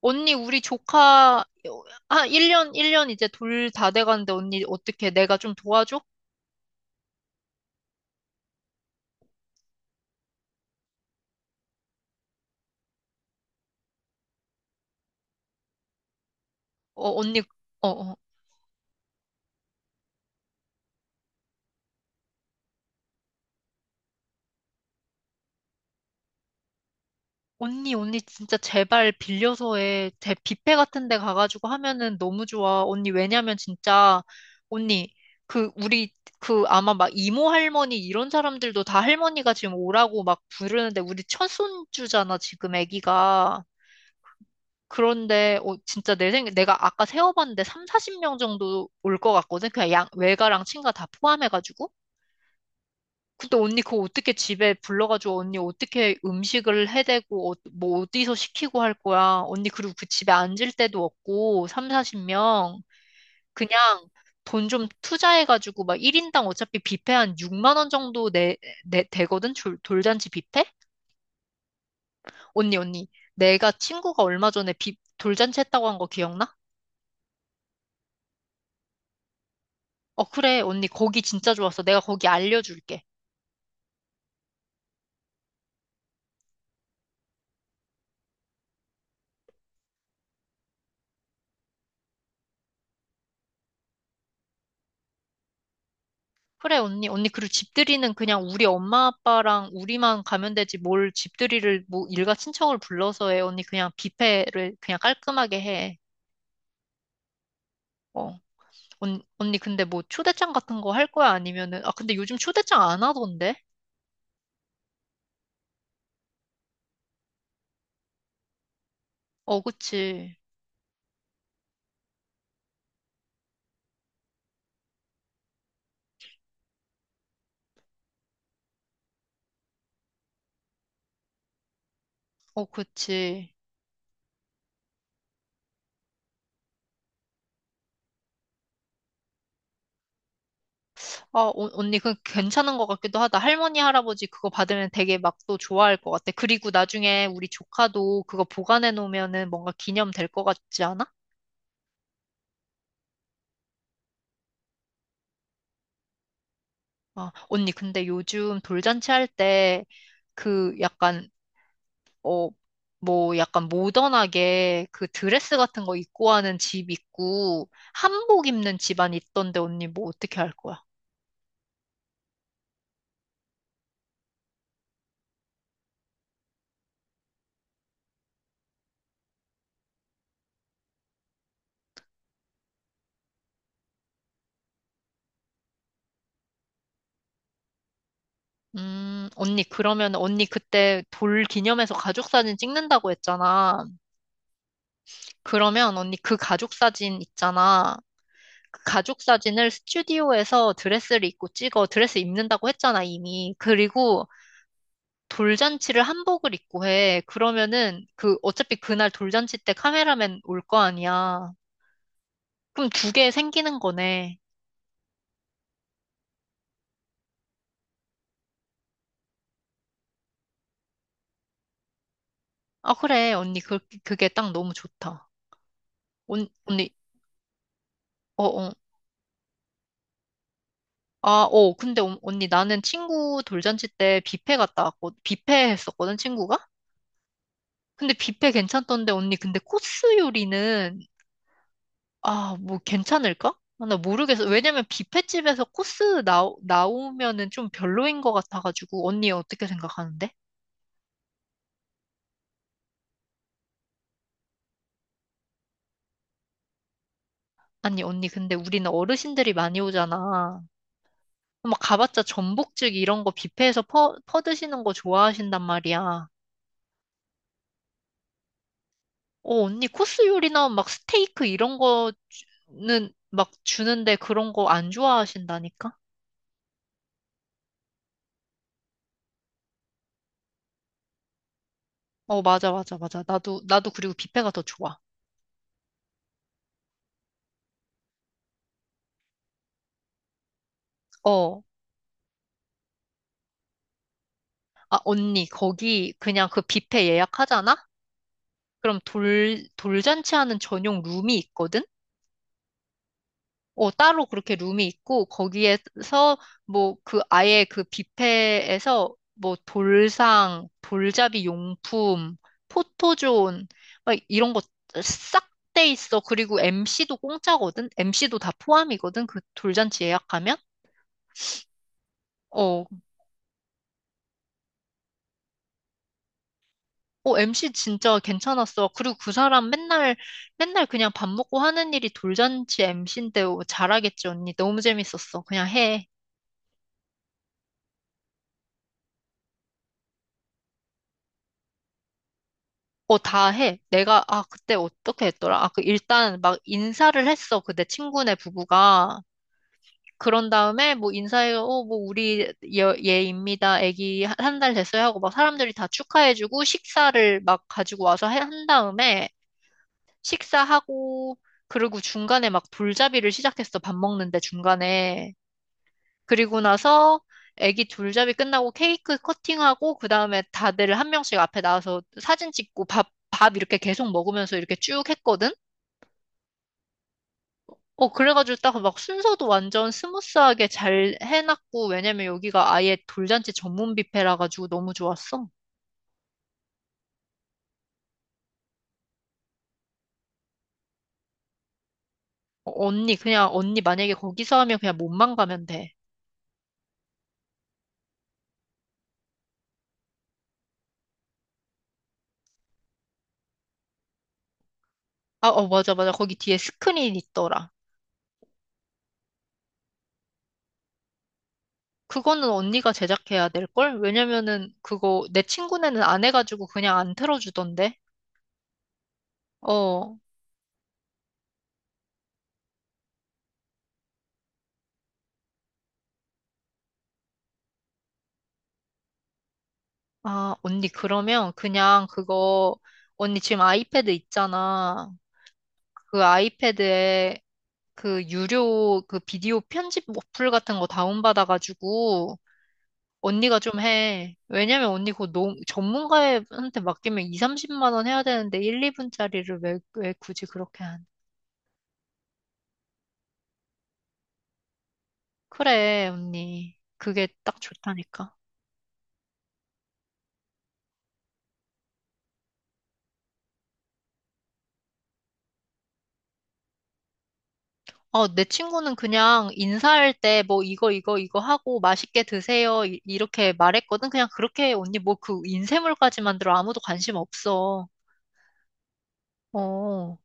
언니, 우리 조카, 1년, 1년 이제 둘 다 돼가는데, 언니, 어떻게, 내가 좀 도와줘? 언니, 어, 어. 언니, 언니, 진짜 제발 빌려서 해. 제 뷔페 같은 데 가가지고 하면은 너무 좋아. 언니, 왜냐면 진짜, 언니, 우리, 아마 막 이모 할머니 이런 사람들도 다 할머니가 지금 오라고 막 부르는데, 우리 첫 손주잖아, 지금 애기가. 그런데 진짜 내 생각 내가 아까 세어봤는데 3, 40명 정도 올 것 같거든. 그냥 양 외가랑 친가 다 포함해가지고. 근데 언니 그거 어떻게 집에 불러가지고 언니 어떻게 음식을 해대고 뭐 어디서 시키고 할 거야. 언니 그리고 그 집에 앉을 데도 없고 3, 40명 그냥 돈 좀 투자해가지고 막 1인당 어차피 뷔페 한 6만 원 정도 내 되거든. 돌잔치 뷔페? 언니 내가 친구가 얼마 전에 돌잔치 했다고 한 거 기억나? 어, 그래, 언니, 거기 진짜 좋았어. 내가 거기 알려줄게. 그래, 언니, 언니, 그리고 집들이는 그냥 우리 엄마, 아빠랑 우리만 가면 되지. 뭘 집들이를, 뭐, 일가 친척을 불러서 해. 언니, 그냥 뷔페를 그냥 깔끔하게 해. 어. 언니, 근데 뭐, 초대장 같은 거 할 거야? 아니면은, 아, 근데 요즘 초대장 안 하던데? 어, 그치. 어, 그치. 언니, 그 괜찮은 것 같기도 하다. 할머니, 할아버지 그거 받으면 되게 막 또 좋아할 것 같아. 그리고 나중에 우리 조카도 그거 보관해 놓으면은 뭔가 기념 될 것 같지 않아? 아, 언니, 근데 요즘 돌잔치 할 때 그 약간, 어, 뭐 약간 모던하게 그 드레스 같은 거 입고 하는 집 있고 한복 입는 집안 있던데 언니 뭐 어떻게 할 거야? 언니, 그러면 언니 그때 돌 기념해서 가족 사진 찍는다고 했잖아. 그러면 언니 그 가족 사진 있잖아. 그 가족 사진을 스튜디오에서 드레스를 입고 찍어. 드레스 입는다고 했잖아, 이미. 그리고 돌잔치를 한복을 입고 해. 그러면은 그 어차피 그날 돌잔치 때 카메라맨 올 거 아니야. 그럼 두 개 생기는 거네. 아, 그래. 언니 그 그게 딱 너무 좋다. 언니 어, 어. 아, 어. 근데 언니 나는 친구 돌잔치 때 뷔페 갔다 왔고 뷔페 했었거든, 친구가. 근데 뷔페 괜찮던데 언니 근데 코스 요리는 아, 뭐 괜찮을까? 아, 나 모르겠어. 왜냐면 뷔페집에서 나오면은 좀 별로인 것 같아가지고. 언니 어떻게 생각하는데? 아니, 언니, 근데 우리는 어르신들이 많이 오잖아. 막 가봤자 전복죽 이런 거 뷔페에서 퍼드시는 거 좋아하신단 말이야. 어, 언니 코스 요리 나오면 막 스테이크 이런 거는 막 주는데 그런 거 안 좋아하신다니까? 어, 맞아, 맞아, 맞아. 나도 그리고 뷔페가 더 좋아. 어. 아, 언니, 거기 그냥 그 뷔페 예약하잖아? 그럼 돌잔치 하는 전용 룸이 있거든? 어, 따로 그렇게 룸이 있고, 거기에서 뭐 그 아예 그 뷔페에서 뭐 돌상, 돌잡이 용품, 포토존, 막 이런 거 싹 돼 있어. 그리고 MC도 공짜거든? MC도 다 포함이거든? 그 돌잔치 예약하면? 어, MC 진짜 괜찮았어. 그리고 그 사람 맨날 그냥 밥 먹고 하는 일이 돌잔치 MC인데 잘하겠지, 언니. 너무 재밌었어. 그냥 해. 어, 다 해. 내가, 아, 그때 어떻게 했더라? 아, 그, 일단 막 인사를 했어. 그내 친구네 부부가. 그런 다음에 뭐 인사해, 어, 뭐 우리 얘입니다. 애기 한 달 됐어요 하고 막 사람들이 다 축하해주고 식사를 막 가지고 와서 한 다음에 식사하고 그리고 중간에 막 돌잡이를 시작했어. 밥 먹는데 중간에. 그리고 나서 애기 둘잡이 끝나고 케이크 커팅하고 그 다음에 다들 한 명씩 앞에 나와서 사진 찍고 밥 이렇게 계속 먹으면서 이렇게 쭉 했거든? 어, 그래가지고 딱 막 순서도 완전 스무스하게 잘 해놨고, 왜냐면 여기가 아예 돌잔치 전문 뷔페라 가지고 너무 좋았어. 어, 언니, 그냥 언니 만약에 거기서 하면 그냥 몸만 가면 돼. 아, 어, 맞아, 맞아. 거기 뒤에 스크린 있더라. 그거는 언니가 제작해야 될걸? 왜냐면은 그거 내 친구네는 안 해가지고 그냥 안 틀어주던데. 어, 아, 언니, 그러면 그냥 그거, 언니 지금 아이패드 있잖아. 그 아이패드에 그 유료 그 비디오 편집 어플 같은 거 다운받아가지고, 언니가 좀 해. 왜냐면 언니 그거 너무, 전문가한테 맡기면 2, 30만 원 해야 되는데 1, 2분짜리를 왜 굳이 그렇게 한. 그래, 언니. 그게 딱 좋다니까. 어, 내 친구는 그냥 인사할 때 뭐 이거 이거 이거 하고 맛있게 드세요 이렇게 말했거든. 그냥 그렇게 언니 뭐 그 인쇄물까지 만들어 아무도 관심 없어. 어.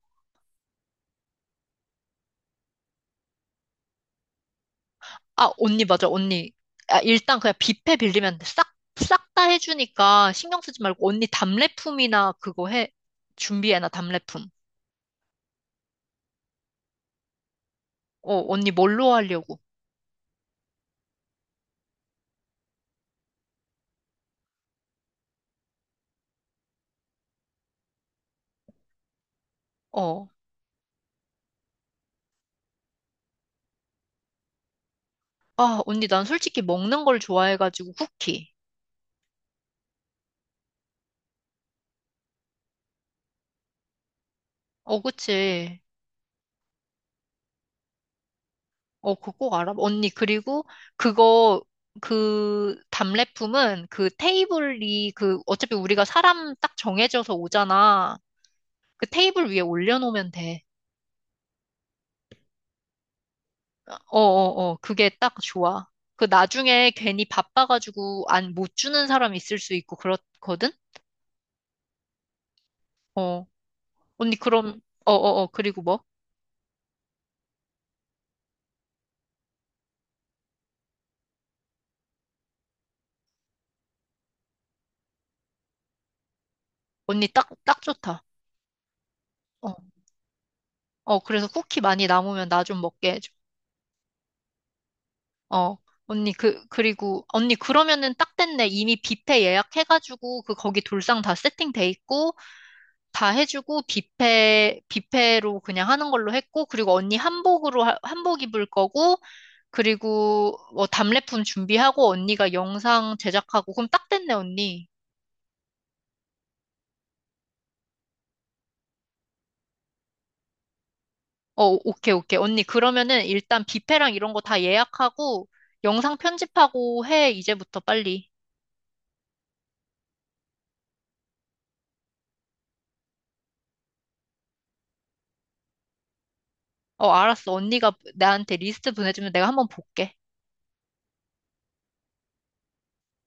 아, 언니 맞아. 언니. 아, 일단 그냥 뷔페 빌리면 싹 다 해주니까 신경 쓰지 말고 언니 답례품이나 그거 해 준비해놔 답례품. 어, 언니 뭘로 하려고? 어. 아, 언니 난 솔직히 먹는 걸 좋아해가지고 쿠키. 어, 그치. 어, 그거 꼭 알아? 언니, 그리고 그거, 그 답례품은 그 테이블이 그 어차피 우리가 사람 딱 정해져서 오잖아. 그 테이블 위에 올려놓으면 돼. 어어어, 그게 딱 좋아. 그 나중에 괜히 바빠가지고 안 못 주는 사람 있을 수 있고 그렇거든? 어. 언니, 그럼, 어어어, 그리고 뭐? 언니 딱, 딱 좋다. 어, 그래서 쿠키 많이 남으면 나 좀 먹게 해줘. 어, 언니, 그, 그리고, 언니, 그러면은 딱 됐네. 이미 뷔페 예약해가지고, 그, 거기 돌상 다 세팅돼 있고, 다 해주고, 뷔페, 뷔페로 그냥 하는 걸로 했고, 그리고 언니 한복으로, 한복 입을 거고, 그리고, 뭐, 답례품 준비하고, 언니가 영상 제작하고, 그럼 딱 됐네, 언니. 어, 오케이, 오케이. 언니, 그러면은 일단 뷔페랑 이런 거 다 예약하고, 영상 편집하고 해, 이제부터 빨리. 어, 알았어. 언니가 나한테 리스트 보내주면 내가 한번 볼게.